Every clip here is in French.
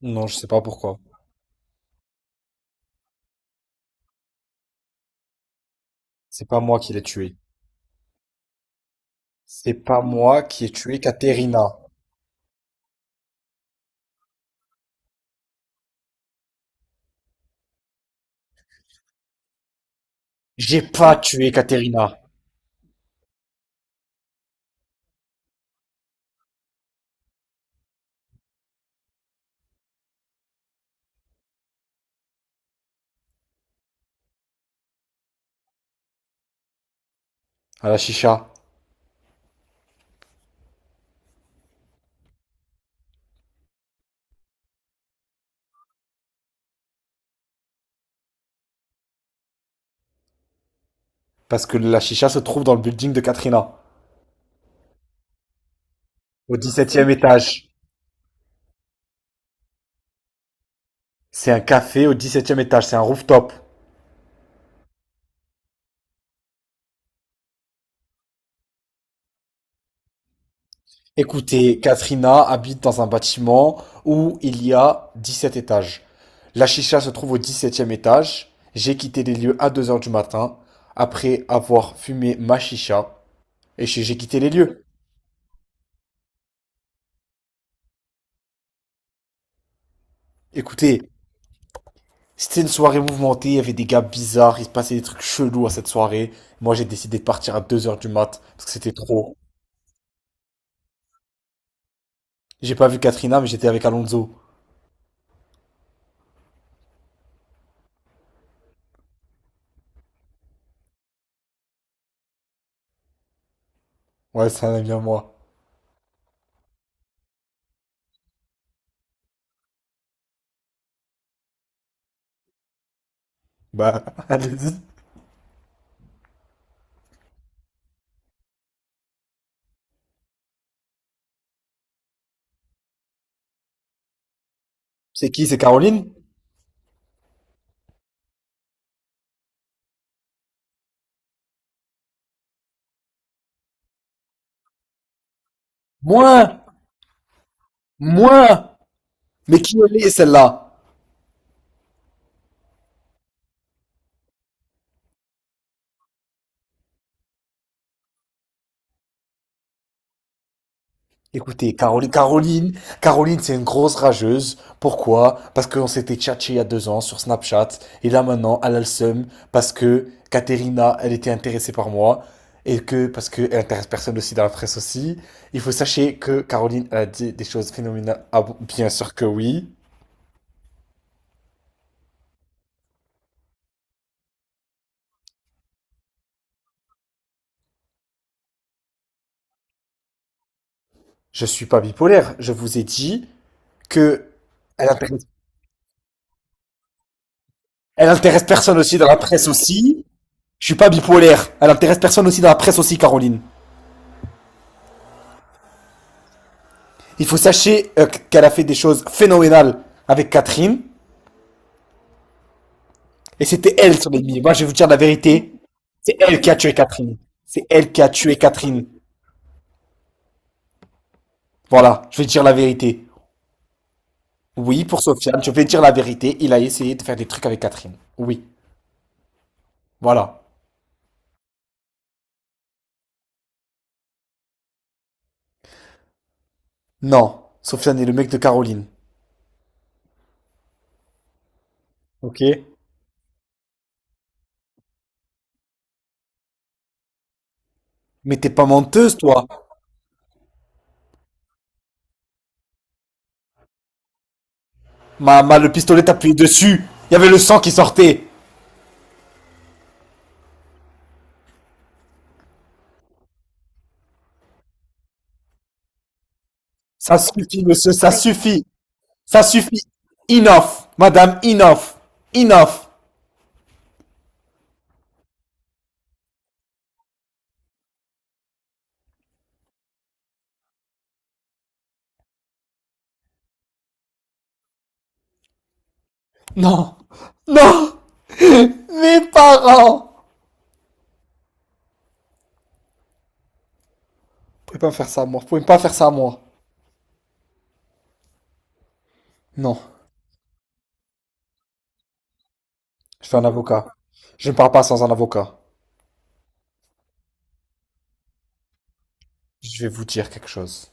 Non, je sais pas pourquoi. C'est pas moi qui l'ai tué. C'est pas moi qui ai tué Katerina. J'ai pas tué Katerina à la chicha. Parce que la chicha se trouve dans le building de Katrina. Au 17e étage. C'est un café au 17e étage. C'est un rooftop. Écoutez, Katrina habite dans un bâtiment où il y a 17 étages. La chicha se trouve au 17e étage. J'ai quitté les lieux à 2 heures du matin après avoir fumé ma chicha et j'ai quitté les lieux. Écoutez, c'était une soirée mouvementée, il y avait des gars bizarres, il se passait des trucs chelous à cette soirée. Moi, j'ai décidé de partir à 2 heures du mat, parce que c'était trop. J'ai pas vu Katrina, mais j'étais avec Alonso. Ouais, c'est un ami à moi. Bah, allez-y. C'est qui, c'est Caroline? Moi! Moi! Mais qui elle est, celle-là? Écoutez, Caroline, Caroline, Caroline, c'est une grosse rageuse. Pourquoi? Parce qu'on s'était tchatché il y a 2 ans sur Snapchat. Et là, maintenant, elle a le seum parce que Katerina, elle était intéressée par moi. Et que, parce qu'elle intéresse personne aussi dans la presse aussi. Il faut sachez que Caroline, elle a dit des choses phénoménales. Ah bon, bien sûr que oui. Je suis pas bipolaire. Je vous ai dit que elle intéresse, elle intéresse personne aussi dans la presse aussi. Je suis pas bipolaire. Elle intéresse personne aussi dans la presse aussi, Caroline. Il faut sachez qu'elle a fait des choses phénoménales avec Catherine. Et c'était elle son ennemi. Moi, je vais vous dire la vérité. C'est elle qui a tué Catherine. C'est elle qui a tué Catherine. Voilà, je vais dire la vérité. Oui, pour Sofiane, je vais dire la vérité. Il a essayé de faire des trucs avec Catherine. Oui, voilà. Non, Sofiane est le mec de Caroline. Ok. Mais t'es pas menteuse, toi. Le pistolet t'a appuyé dessus. Il y avait le sang qui sortait. Ça suffit, monsieur, ça suffit. Ça suffit. Enough, madame, enough. Enough. Non. Non. Mes parents. Vous pouvez pas me faire ça à moi. Vous pouvez pas faire ça à moi. Non. Je fais un avocat. Je ne parle pas sans un avocat. Je vais vous dire quelque chose.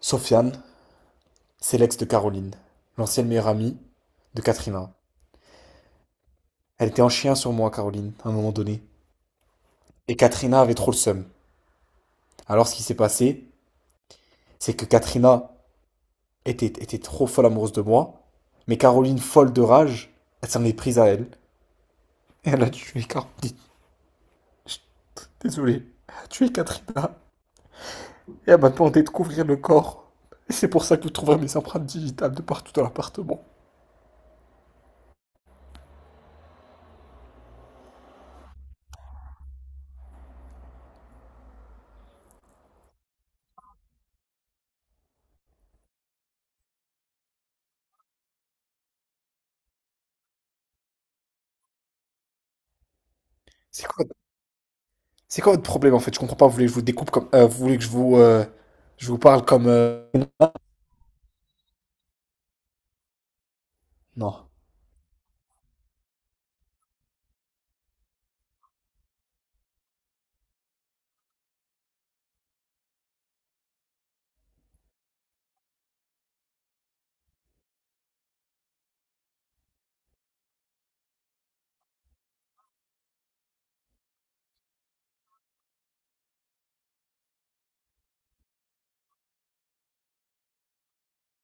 Sofiane, c'est l'ex de Caroline, l'ancienne meilleure amie de Katrina. Elle était en chien sur moi, Caroline, à un moment donné. Et Katrina avait trop le seum. Alors ce qui s'est passé, c'est que Katrina était trop folle amoureuse de moi, mais Caroline, folle de rage, elle s'en est prise à elle. Et elle a tué Caroline. Je désolé, tu es Katrina et elle m'a demandé de couvrir le corps. Et c'est pour ça que vous trouverez mes empreintes digitales de partout dans l'appartement. C'est quoi, c'est quoi votre problème en fait? Je comprends pas, vous voulez que je vous découpe comme, vous voulez que je vous, je vous parle comme, non.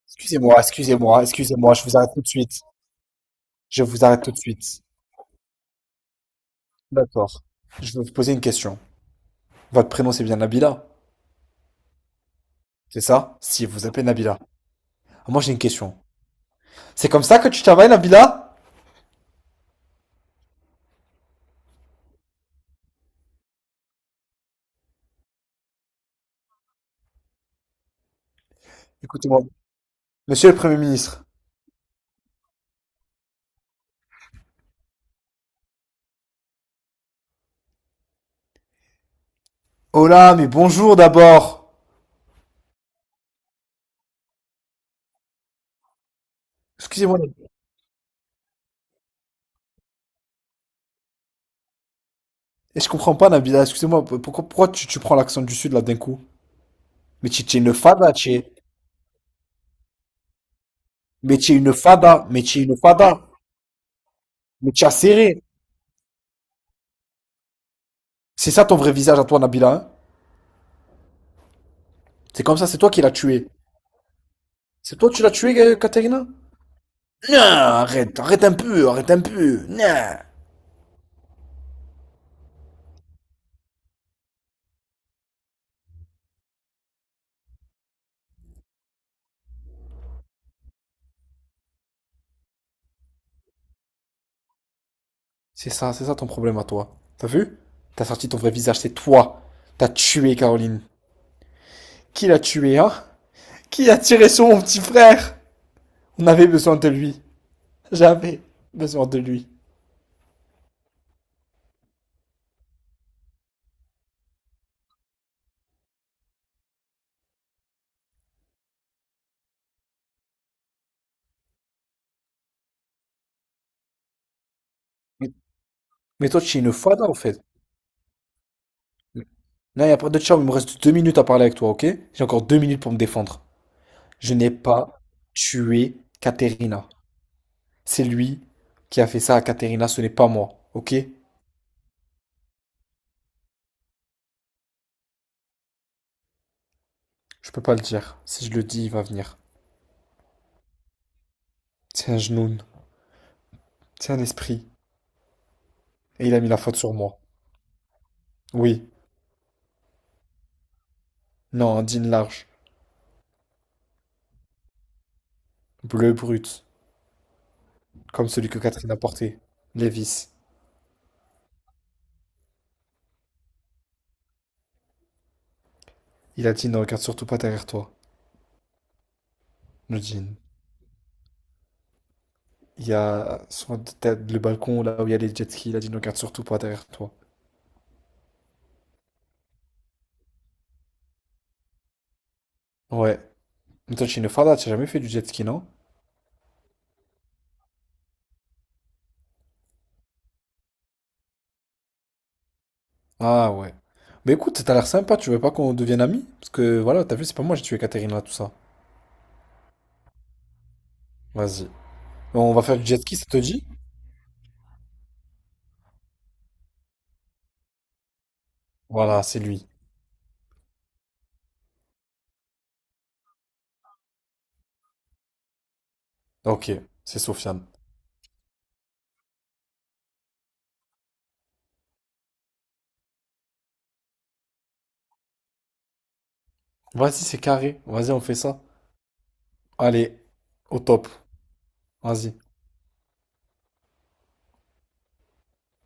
Excusez-moi, excusez-moi, excusez-moi, je vous arrête tout de suite. Je vous arrête tout de suite. D'accord. Je vais vous poser une question. Votre prénom c'est bien Nabila, c'est ça? Si, vous appelez Nabila. Ah, moi j'ai une question. C'est comme ça que tu travailles, Nabila? Écoutez-moi. Monsieur le Premier ministre. Oh là, mais bonjour d'abord. Excusez-moi, et je comprends pas, Nabila. Excusez-moi, pourquoi, pourquoi tu prends l'accent du sud là d'un coup? Mais tu es une fada, tu es, mais tu es une fada, mais tu es une fada, mais tu as serré. C'est ça ton vrai visage à toi, Nabila, hein? C'est comme ça, c'est toi qui l'as tué. C'est toi tu l'as tué, Katerina? Non, arrête, arrête un peu, non. C'est ça ton problème à toi. T'as vu? T'as sorti ton vrai visage, c'est toi. T'as tué Caroline. Qui l'a tué, hein? Qui a tiré sur mon petit frère? On avait besoin de lui. J'avais besoin de lui. Mais toi, tu es une fada en fait. Là, il n'y a pas de chat, il me reste 2 minutes à parler avec toi, ok? J'ai encore 2 minutes pour me défendre. Je n'ai pas tué Katerina. C'est lui qui a fait ça à Katerina, ce n'est pas moi, ok? Je peux pas le dire. Si je le dis, il va venir. C'est un genoun, c'est un esprit. Et il a mis la faute sur moi. Oui, non, un jean large, bleu brut, comme celui que Katerina portait. Lévis. Il a dit ne regarde surtout pas derrière toi, le jean. Il y a sur t'as le balcon là où il y a les jet skis. Il a dit ne regarde surtout pas derrière toi. Ouais. Mais toi, tu es une farda, t'as jamais fait du jet ski, non? Ah ouais. Mais écoute, t'as l'air sympa, tu veux pas qu'on devienne amis? Parce que voilà, t'as vu, c'est pas moi, j'ai tué Catherine là, tout ça. Vas-y. On va faire du jet ski, ça te dit? Voilà, c'est lui. Ok, c'est Sofiane. Vas-y, c'est carré. Vas-y, on fait ça. Allez, au top. Vas-y.